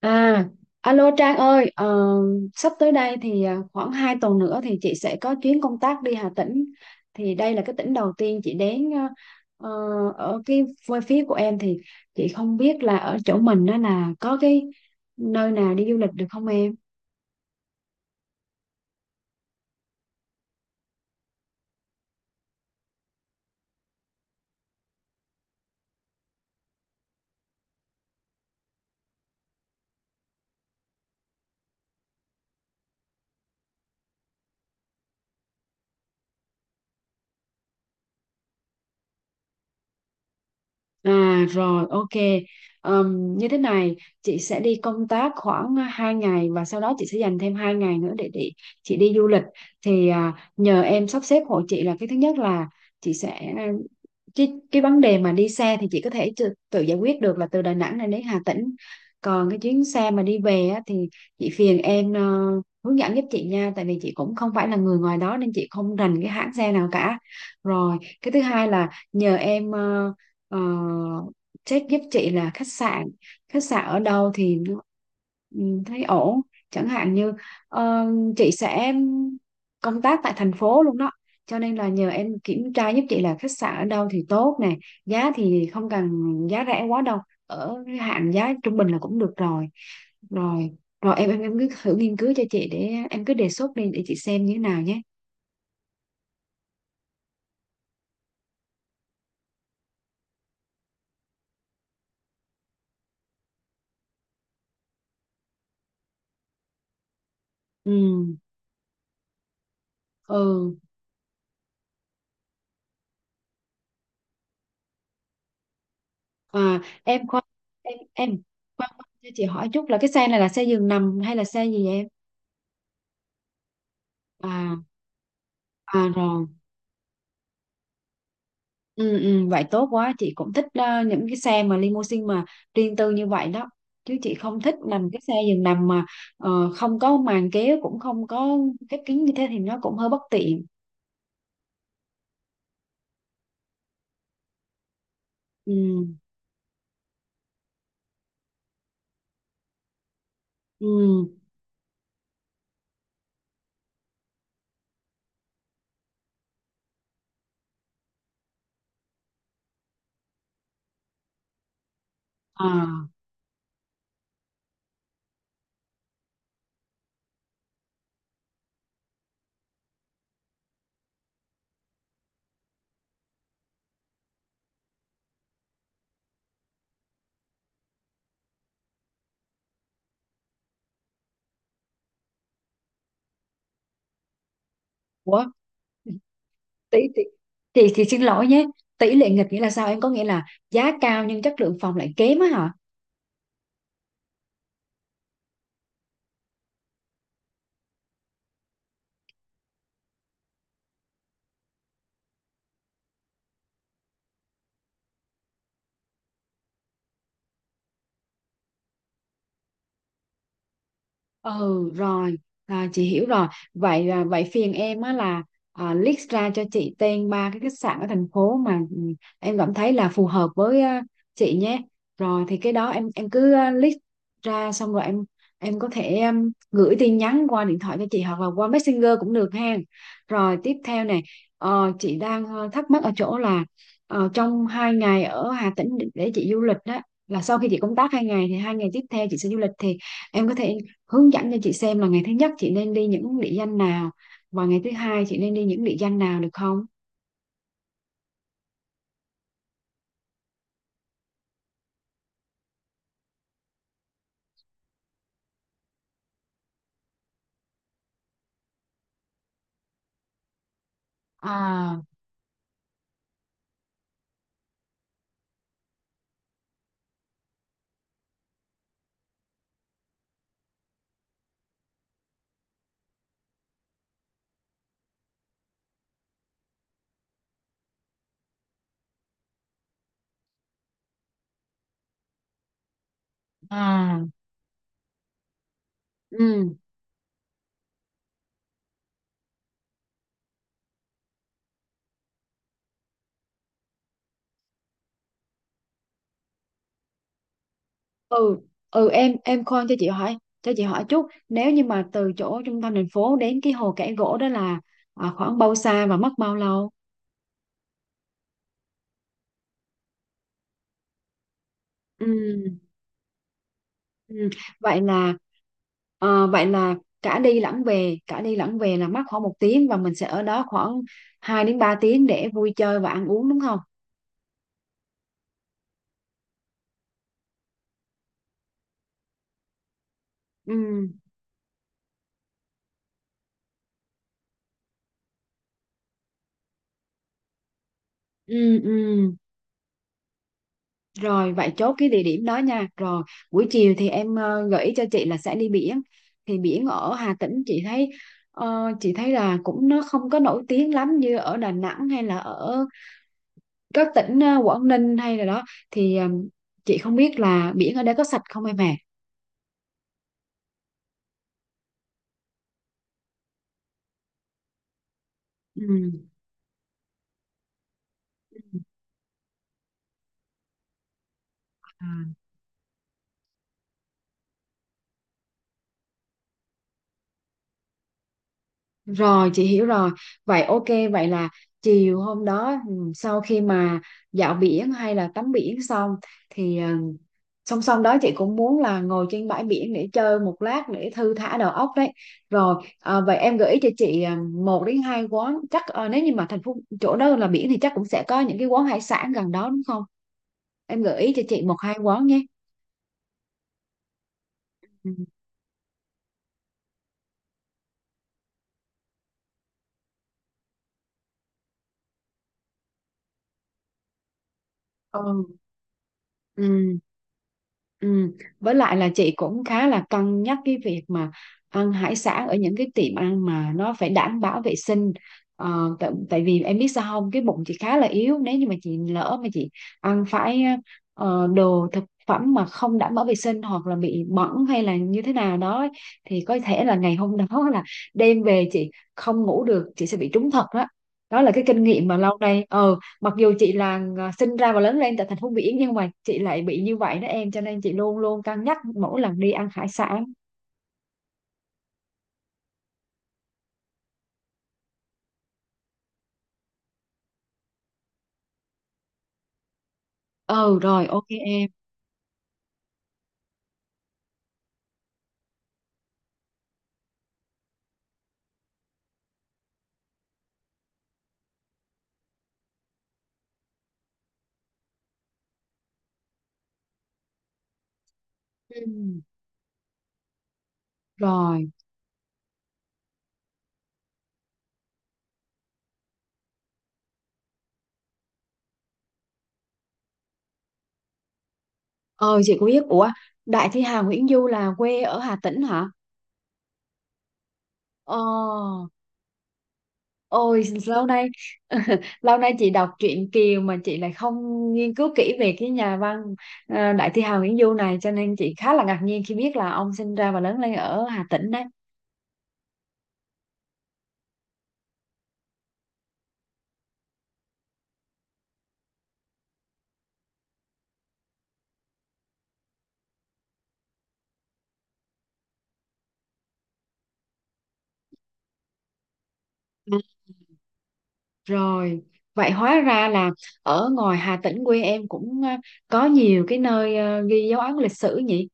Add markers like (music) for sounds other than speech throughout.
À, alo Trang ơi, sắp tới đây thì khoảng 2 tuần nữa thì chị sẽ có chuyến công tác đi Hà Tĩnh. Thì đây là cái tỉnh đầu tiên chị đến, ờ, ở cái quê phía của em, thì chị không biết là ở chỗ mình đó là có cái nơi nào đi du lịch được không em? À rồi, ok. Như thế này, chị sẽ đi công tác khoảng 2 ngày, và sau đó chị sẽ dành thêm 2 ngày nữa để chị đi du lịch. Thì nhờ em sắp xếp hộ chị. Là cái thứ nhất là chị sẽ, cái vấn đề mà đi xe thì chị có thể tự giải quyết được, là từ Đà Nẵng này đến Hà Tĩnh. Còn cái chuyến xe mà đi về á, thì chị phiền em hướng dẫn giúp chị nha, tại vì chị cũng không phải là người ngoài đó nên chị không rành cái hãng xe nào cả. Rồi, cái thứ hai là nhờ em ờ, check giúp chị là khách sạn ở đâu thì ừ, thấy ổn. Chẳng hạn như ờ, chị sẽ công tác tại thành phố luôn đó, cho nên là nhờ em kiểm tra giúp chị là khách sạn ở đâu thì tốt nè. Giá thì không cần giá rẻ quá đâu, ở cái hạn giá trung bình là cũng được rồi. Rồi rồi em em em cứ thử nghiên cứu cho chị, để em cứ đề xuất đi để chị xem như thế nào nhé. Ừ, ừ. À, em khoan, em khoan khoan, cho chị hỏi chút là cái xe này là xe giường nằm hay là xe gì vậy em? À à, rồi. Ừ, ừ, vậy tốt quá, chị cũng thích những cái xe mà limousine mà riêng tư như vậy đó. Chứ chị không thích nằm cái xe giường nằm mà không có màn kéo, cũng không có khép kín như thế thì nó cũng hơi bất tiện. Ừ, ừ. À. Ủa, tỷ tỷ chị thì xin lỗi nhé. Tỷ lệ nghịch nghĩa là sao em, có nghĩa là giá cao nhưng chất lượng phòng lại kém á hả? Ừ, rồi, à, chị hiểu rồi. Vậy vậy phiền em á là, list ra cho chị tên ba cái khách sạn ở thành phố mà em cảm thấy là phù hợp với chị nhé. Rồi thì cái đó em cứ list ra, xong rồi em có thể em, gửi tin nhắn qua điện thoại cho chị hoặc là qua Messenger cũng được ha. Rồi tiếp theo này, chị đang thắc mắc ở chỗ là, trong hai ngày ở Hà Tĩnh để chị du lịch đó, là sau khi chị công tác 2 ngày thì 2 ngày tiếp theo chị sẽ du lịch, thì em có thể hướng dẫn cho chị xem là ngày thứ nhất chị nên đi những địa danh nào và ngày thứ hai chị nên đi những địa danh nào được không? À. À. Ừ, ừ, ừ, em khoan, cho chị hỏi chút, nếu như mà từ chỗ trung tâm thành phố đến cái hồ Kẻ Gỗ đó là khoảng bao xa và mất bao lâu? Ừ, ừ. Vậy là vậy là cả đi lẫn về là mất khoảng 1 tiếng, và mình sẽ ở đó khoảng 2 đến 3 tiếng để vui chơi và ăn uống, đúng không? Ừ, ừ, ừ. Rồi, vậy chốt cái địa điểm đó nha. Rồi buổi chiều thì em gợi ý cho chị là sẽ đi biển. Thì biển ở Hà Tĩnh chị thấy, chị thấy là cũng nó không có nổi tiếng lắm như ở Đà Nẵng hay là ở các tỉnh Quảng Ninh hay là đó. Thì chị không biết là biển ở đây có sạch không em ạ. Ừ. À. Rồi, chị hiểu rồi. Vậy ok, vậy là chiều hôm đó, sau khi mà dạo biển hay là tắm biển xong thì song song đó chị cũng muốn là ngồi trên bãi biển để chơi một lát để thư thả đầu óc đấy. Rồi vậy em gợi ý cho chị một đến hai quán chắc, nếu như mà thành phố chỗ đó là biển thì chắc cũng sẽ có những cái quán hải sản gần đó đúng không, em gợi ý cho chị một hai quán nhé. Ừ. Ừ. Ừ. Ừ. Với lại là chị cũng khá là cân nhắc cái việc mà ăn hải sản ở những cái tiệm ăn mà nó phải đảm bảo vệ sinh. Tại vì em biết sao không, cái bụng chị khá là yếu, nếu như mà chị lỡ mà chị ăn phải đồ thực phẩm mà không đảm bảo vệ sinh hoặc là bị bẩn hay là như thế nào đó ấy, thì có thể là ngày hôm (laughs) đó là đêm về chị không ngủ được, chị sẽ bị trúng thật đó. Đó là cái kinh nghiệm mà lâu nay. Ừ, mặc dù chị là sinh ra và lớn lên tại thành phố biển nhưng mà chị lại bị như vậy đó em, cho nên chị luôn luôn cân nhắc mỗi lần đi ăn hải sản. Ừ, rồi, ok em. Ừ, rồi. Ờ, chị có biết. Ủa, Đại Thi Hà Nguyễn Du là quê ở Hà Tĩnh hả? Ờ, ôi lâu nay, (laughs) lâu nay chị đọc truyện Kiều mà chị lại không nghiên cứu kỹ về cái nhà văn, Đại Thi Hà Nguyễn Du này, cho nên chị khá là ngạc nhiên khi biết là ông sinh ra và lớn lên ở Hà Tĩnh đấy. Rồi, vậy hóa ra là ở ngoài Hà Tĩnh quê em cũng có nhiều cái nơi ghi dấu ấn lịch sử nhỉ?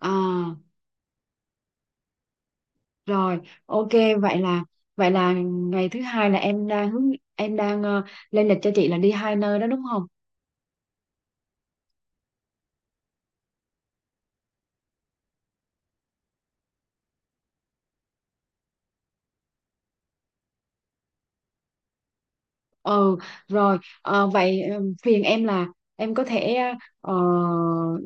À, rồi, ok, vậy là vậy là ngày thứ hai là em đang hướng em đang lên lịch cho chị là đi hai nơi đó đúng không? Ừ, rồi, vậy phiền em là em có thể ờ,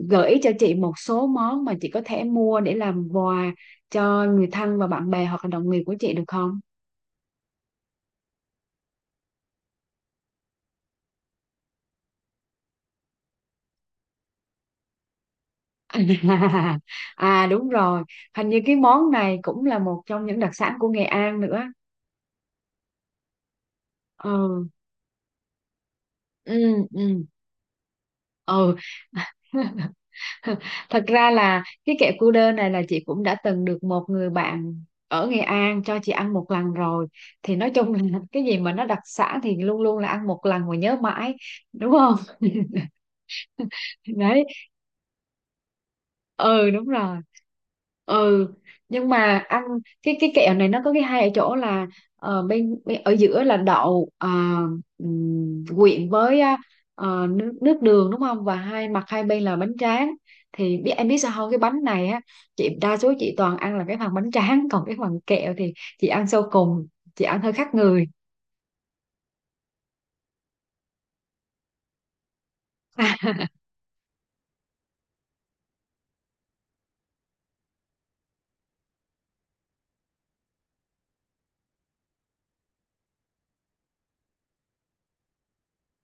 gợi ý cho chị một số món mà chị có thể mua để làm quà cho người thân và bạn bè hoặc là đồng nghiệp của chị được không? (laughs) À đúng rồi, hình như cái món này cũng là một trong những đặc sản của Nghệ An nữa. Ừ, ừ, ừ, ừ. (laughs) Thật ra là cái kẹo cu đơ này là chị cũng đã từng được một người bạn ở Nghệ An cho chị ăn một lần rồi. Thì nói chung là (laughs) cái gì mà nó đặc sản thì luôn luôn là ăn một lần mà nhớ mãi, đúng không? (laughs) Đấy, ừ đúng rồi. Ừ, nhưng mà ăn cái kẹo này nó có cái hay ở chỗ là bên ở giữa là đậu quyện với á, nước nước đường đúng không, và hai mặt hai bên là bánh tráng. Thì biết em, biết sao không, cái bánh này á, chị đa số chị toàn ăn là cái phần bánh tráng, (laughs) còn cái phần kẹo thì chị ăn sau cùng, chị ăn hơi khác người. (laughs)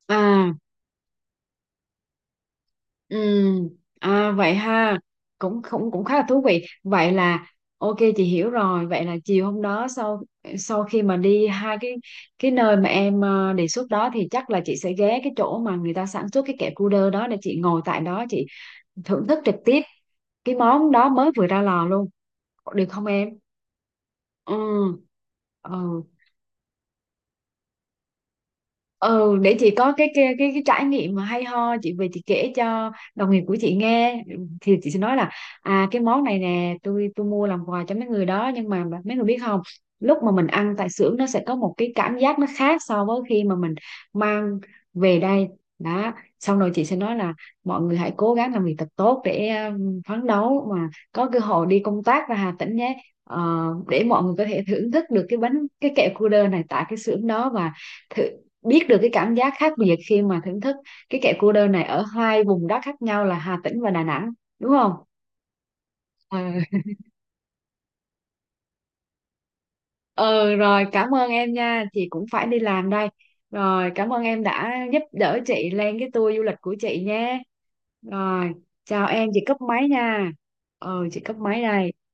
À, ừ. À, vậy ha, cũng cũng cũng khá là thú vị. Vậy là ok, chị hiểu rồi. Vậy là chiều hôm đó, sau sau khi mà đi hai cái nơi mà em đề xuất đó, thì chắc là chị sẽ ghé cái chỗ mà người ta sản xuất cái kẹo cu đơ đó, để chị ngồi tại đó chị thưởng thức trực tiếp cái món đó mới vừa ra lò luôn, được không em? Ừ, ừ. Ừ, để chị có cái trải nghiệm mà hay ho, chị về chị kể cho đồng nghiệp của chị nghe, thì chị sẽ nói là, à cái món này nè tôi mua làm quà cho mấy người đó, nhưng mà mấy người biết không, lúc mà mình ăn tại xưởng nó sẽ có một cái cảm giác nó khác so với khi mà mình mang về đây đó. Xong rồi chị sẽ nói là, mọi người hãy cố gắng làm việc thật tốt để phấn đấu mà có cơ hội đi công tác ra Hà Tĩnh nhé. Ờ, để mọi người có thể thưởng thức được cái bánh, cái kẹo cu đơ này tại cái xưởng đó, và thử biết được cái cảm giác khác biệt khi mà thưởng thức cái kẹo cô đơn này ở hai vùng đất khác nhau là Hà Tĩnh và Đà Nẵng, đúng không? Ừ. Ừ rồi, cảm ơn em nha, chị cũng phải đi làm đây. Rồi, cảm ơn em đã giúp đỡ chị lên cái tour du lịch của chị nhé. Rồi, chào em, chị cấp máy nha. Ừ, chị cấp máy đây.